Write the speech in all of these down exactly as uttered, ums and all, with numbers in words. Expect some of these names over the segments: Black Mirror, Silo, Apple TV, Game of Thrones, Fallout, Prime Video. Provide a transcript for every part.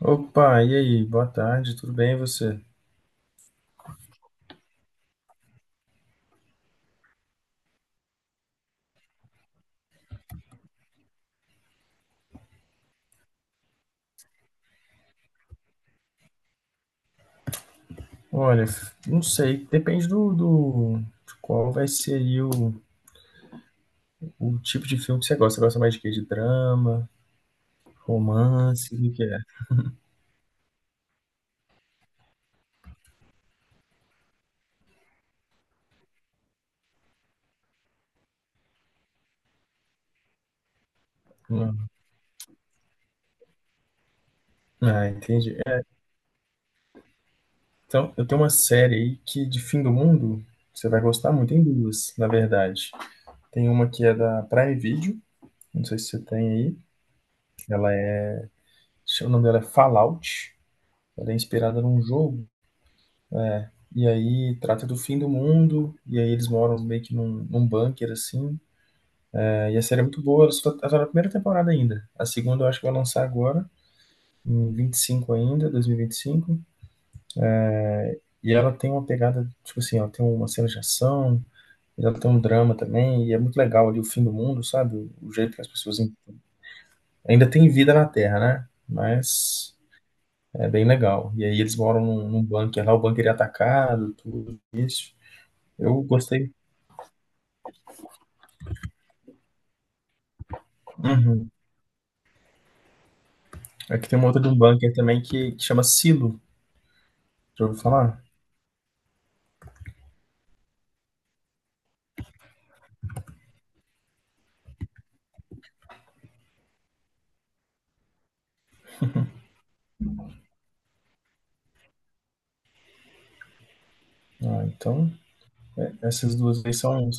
Opa, e aí? Boa tarde, tudo bem e você? Olha, f- não sei, depende do, do- de qual vai ser aí o, o tipo de filme que você gosta. Você gosta mais de quê? De drama, romance, o que é? Hum. Ah, entendi. É, então, eu tenho uma série aí que de fim do mundo você vai gostar muito. Tem duas, na verdade. Tem uma que é da Prime Video, não sei se você tem aí. Ela é, o nome dela é Fallout. Ela é inspirada num jogo. E aí trata do fim do mundo, e aí eles moram meio que num, num bunker, assim. É, e a série é muito boa, ela só tá, ela tá na primeira temporada ainda. A segunda eu acho que vai lançar agora, em vinte e cinco ainda, dois mil e vinte e cinco. E vinte e cinco. E ela tem uma pegada, tipo assim, ela tem uma cena de ação, mas ela tem um drama também, e é muito legal ali o fim do mundo, sabe? O, o jeito que as pessoas... en- Ainda tem vida na Terra, né? Mas é bem legal. E aí eles moram num, num bunker lá, o bunker é atacado, tudo isso. Eu gostei. Uhum. Aqui tem uma outra de um bunker também que, que chama Silo. Já ouviu falar? Ah, então, essas duas aí são.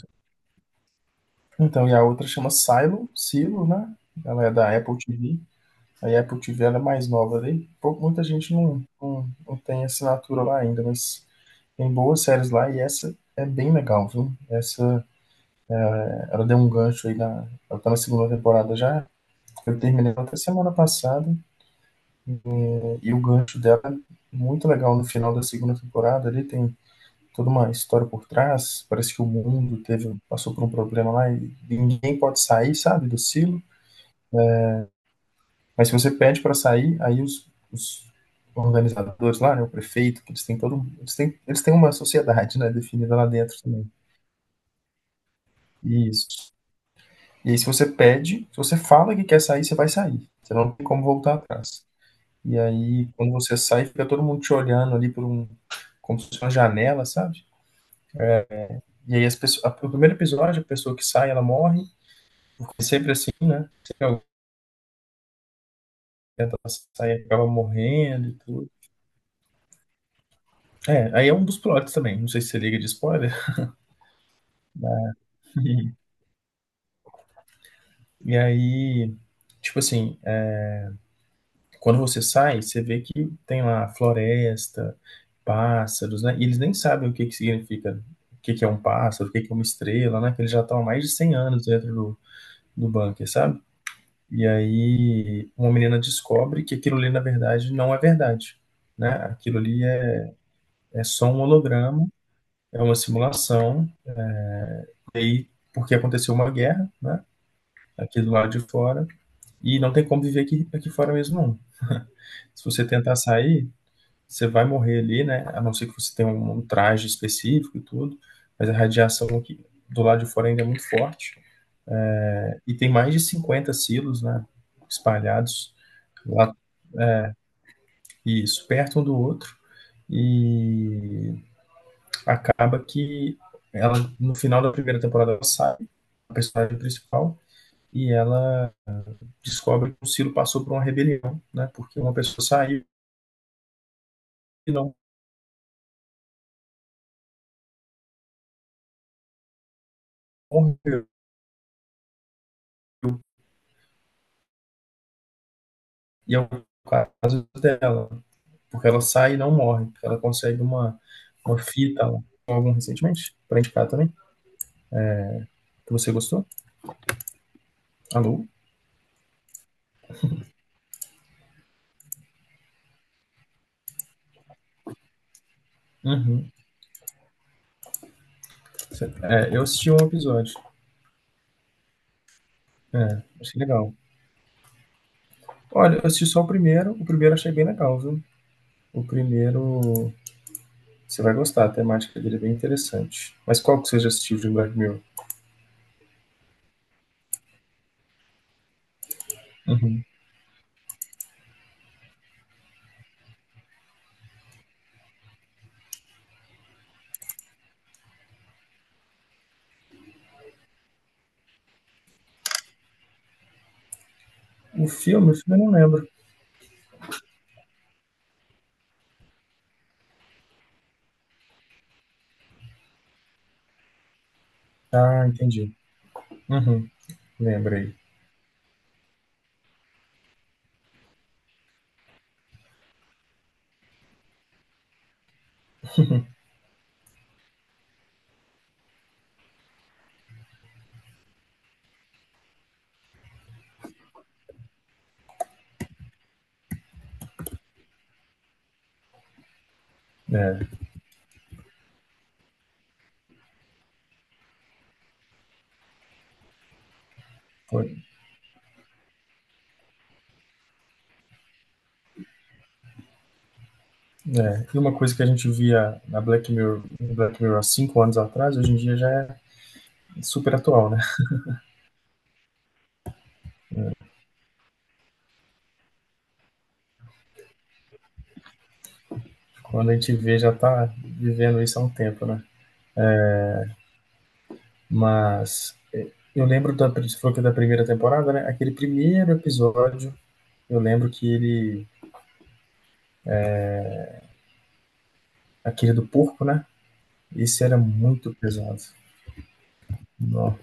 Então, e a outra chama Silo, Silo, né? Ela é da Apple T V. Aí a Apple T V ela é mais nova ali. Pou- Muita gente não, não, não tem assinatura lá ainda, mas tem boas séries lá e essa é bem legal, viu? Essa, ela deu um gancho aí na. Ela tá na segunda temporada já. Eu terminei ela até semana passada, né? E o gancho dela é muito legal no final da segunda temporada ali. Tem toda uma história por trás. Parece que o mundo teve, passou por um problema lá e ninguém pode sair, sabe, do silo. Mas se você pede para sair, aí os, os organizadores lá, né, o prefeito, que eles têm todo, um, eles têm, eles têm uma sociedade, né, definida lá dentro também. Isso. E aí se você pede, se você fala que quer sair, você vai sair. Você não tem como voltar atrás. E aí quando você sai, fica todo mundo te olhando ali por um como se fosse uma janela, sabe? E aí as pessoas, no primeiro episódio, a pessoa que sai, ela morre. Porque sempre assim, né? Sempre alguém tenta passar e acaba morrendo e tudo. É, aí é um dos plots também. Não sei se você liga de spoiler. E, e aí, tipo assim, é, quando você sai, você vê que tem lá floresta, pássaros, né? E eles nem sabem o que que significa, o que que é um pássaro, o que que é uma estrela, né? Que eles já estão há mais de cem anos dentro do, do bunker, sabe? E aí uma menina descobre que aquilo ali, na verdade, não é verdade, né? Aquilo ali é, é só um holograma. É uma simulação, e aí, porque aconteceu uma guerra, né? Aqui do lado de fora, e não tem como viver aqui, aqui fora mesmo, não. Se você tentar sair, você vai morrer ali, né? A não ser que você tenha um, um traje específico e tudo, mas a radiação aqui do lado de fora ainda é muito forte, né? E tem mais de cinquenta silos, né? Espalhados lá, isso, perto um do outro, e acaba que ela, no final da primeira temporada, ela sai, a personagem principal, e ela descobre que o Ciro passou por uma rebelião, né? Porque uma pessoa saiu e não morreu. E é o caso dela, porque ela sai e não morre. Ela consegue uma, uma fita lá. Algum recentemente, pra indicar também, que você gostou. Alô? Uhum. É, eu assisti um episódio. É, achei legal. Olha, eu assisti só o primeiro. O primeiro achei bem legal, viu? O primeiro você vai gostar, a temática dele é bem interessante. Mas qual que você já assistiu de Black Mirror? Uhum. O filme, o filme eu não lembro. Ah, entendi. Uhum, lembrei. É, foi- é. E uma coisa que a gente via na Black Mirror, no Black Mirror há cinco anos atrás, hoje em dia já é super atual, né? Quando a gente vê, já tá vivendo isso há um tempo, né? Mas é, eu lembro da, você falou que é da primeira temporada, né? Aquele primeiro episódio, eu lembro que ele, aquele do porco, né? Esse era muito pesado. Não.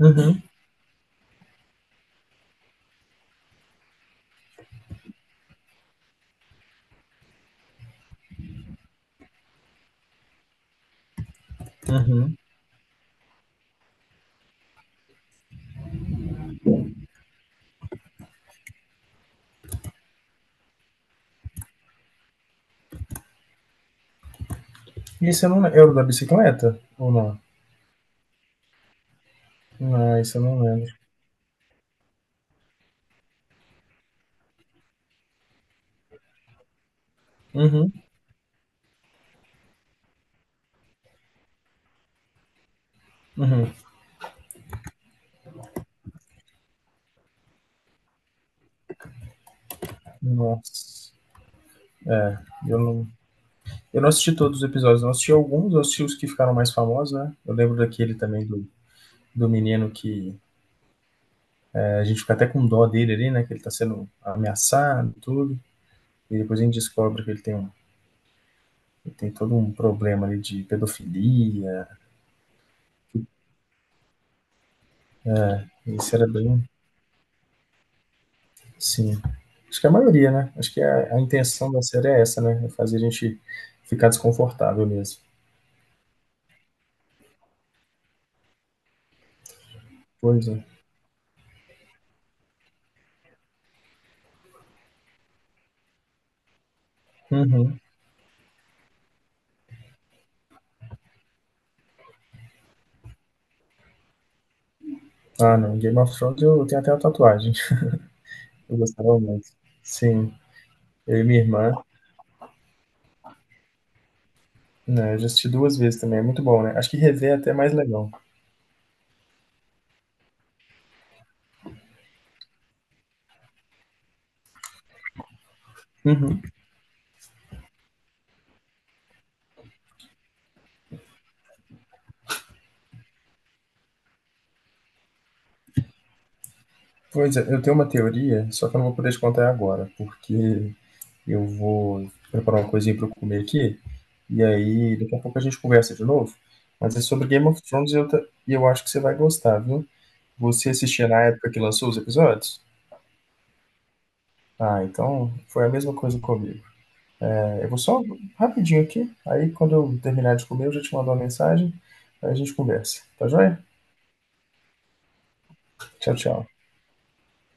Uhum, uhum. E esse eu não, era o da bicicleta ou não? Não, esse eu não lembro. Uhum, uhum. Nossa. Eu não, eu não assisti todos os episódios, não assisti alguns, eu assisti os que ficaram mais famosos, né? Eu lembro daquele também do, do menino que é, a gente fica até com dó dele ali, né? Que ele tá sendo ameaçado e tudo. E depois a gente descobre que ele tem, um, ele tem todo um problema ali de pedofilia. Isso era bem. Sim. Acho que a maioria, né? Acho que a, a intenção da série é essa, né? É fazer a gente ficar desconfortável mesmo. Pois é. Uhum. Ah, não. Game of Thrones eu tenho até uma tatuagem. Eu gostava muito. Sim. Eu e minha irmã, né, eu já assisti duas vezes também, é muito bom, né? Acho que rever é até mais legal. Uhum. Pois é, eu tenho uma teoria, só que eu não vou poder te contar agora, porque eu vou preparar uma coisinha para eu comer aqui, e aí daqui a pouco a gente conversa de novo. Mas é sobre Game of Thrones e eu, ta- e eu acho que você vai gostar, viu? Você assistia na época que lançou os episódios? Ah, então foi a mesma coisa comigo. É, eu vou só rapidinho aqui, aí quando eu terminar de comer, eu já te mando uma mensagem, aí a gente conversa. Tá joia? Tchau, tchau.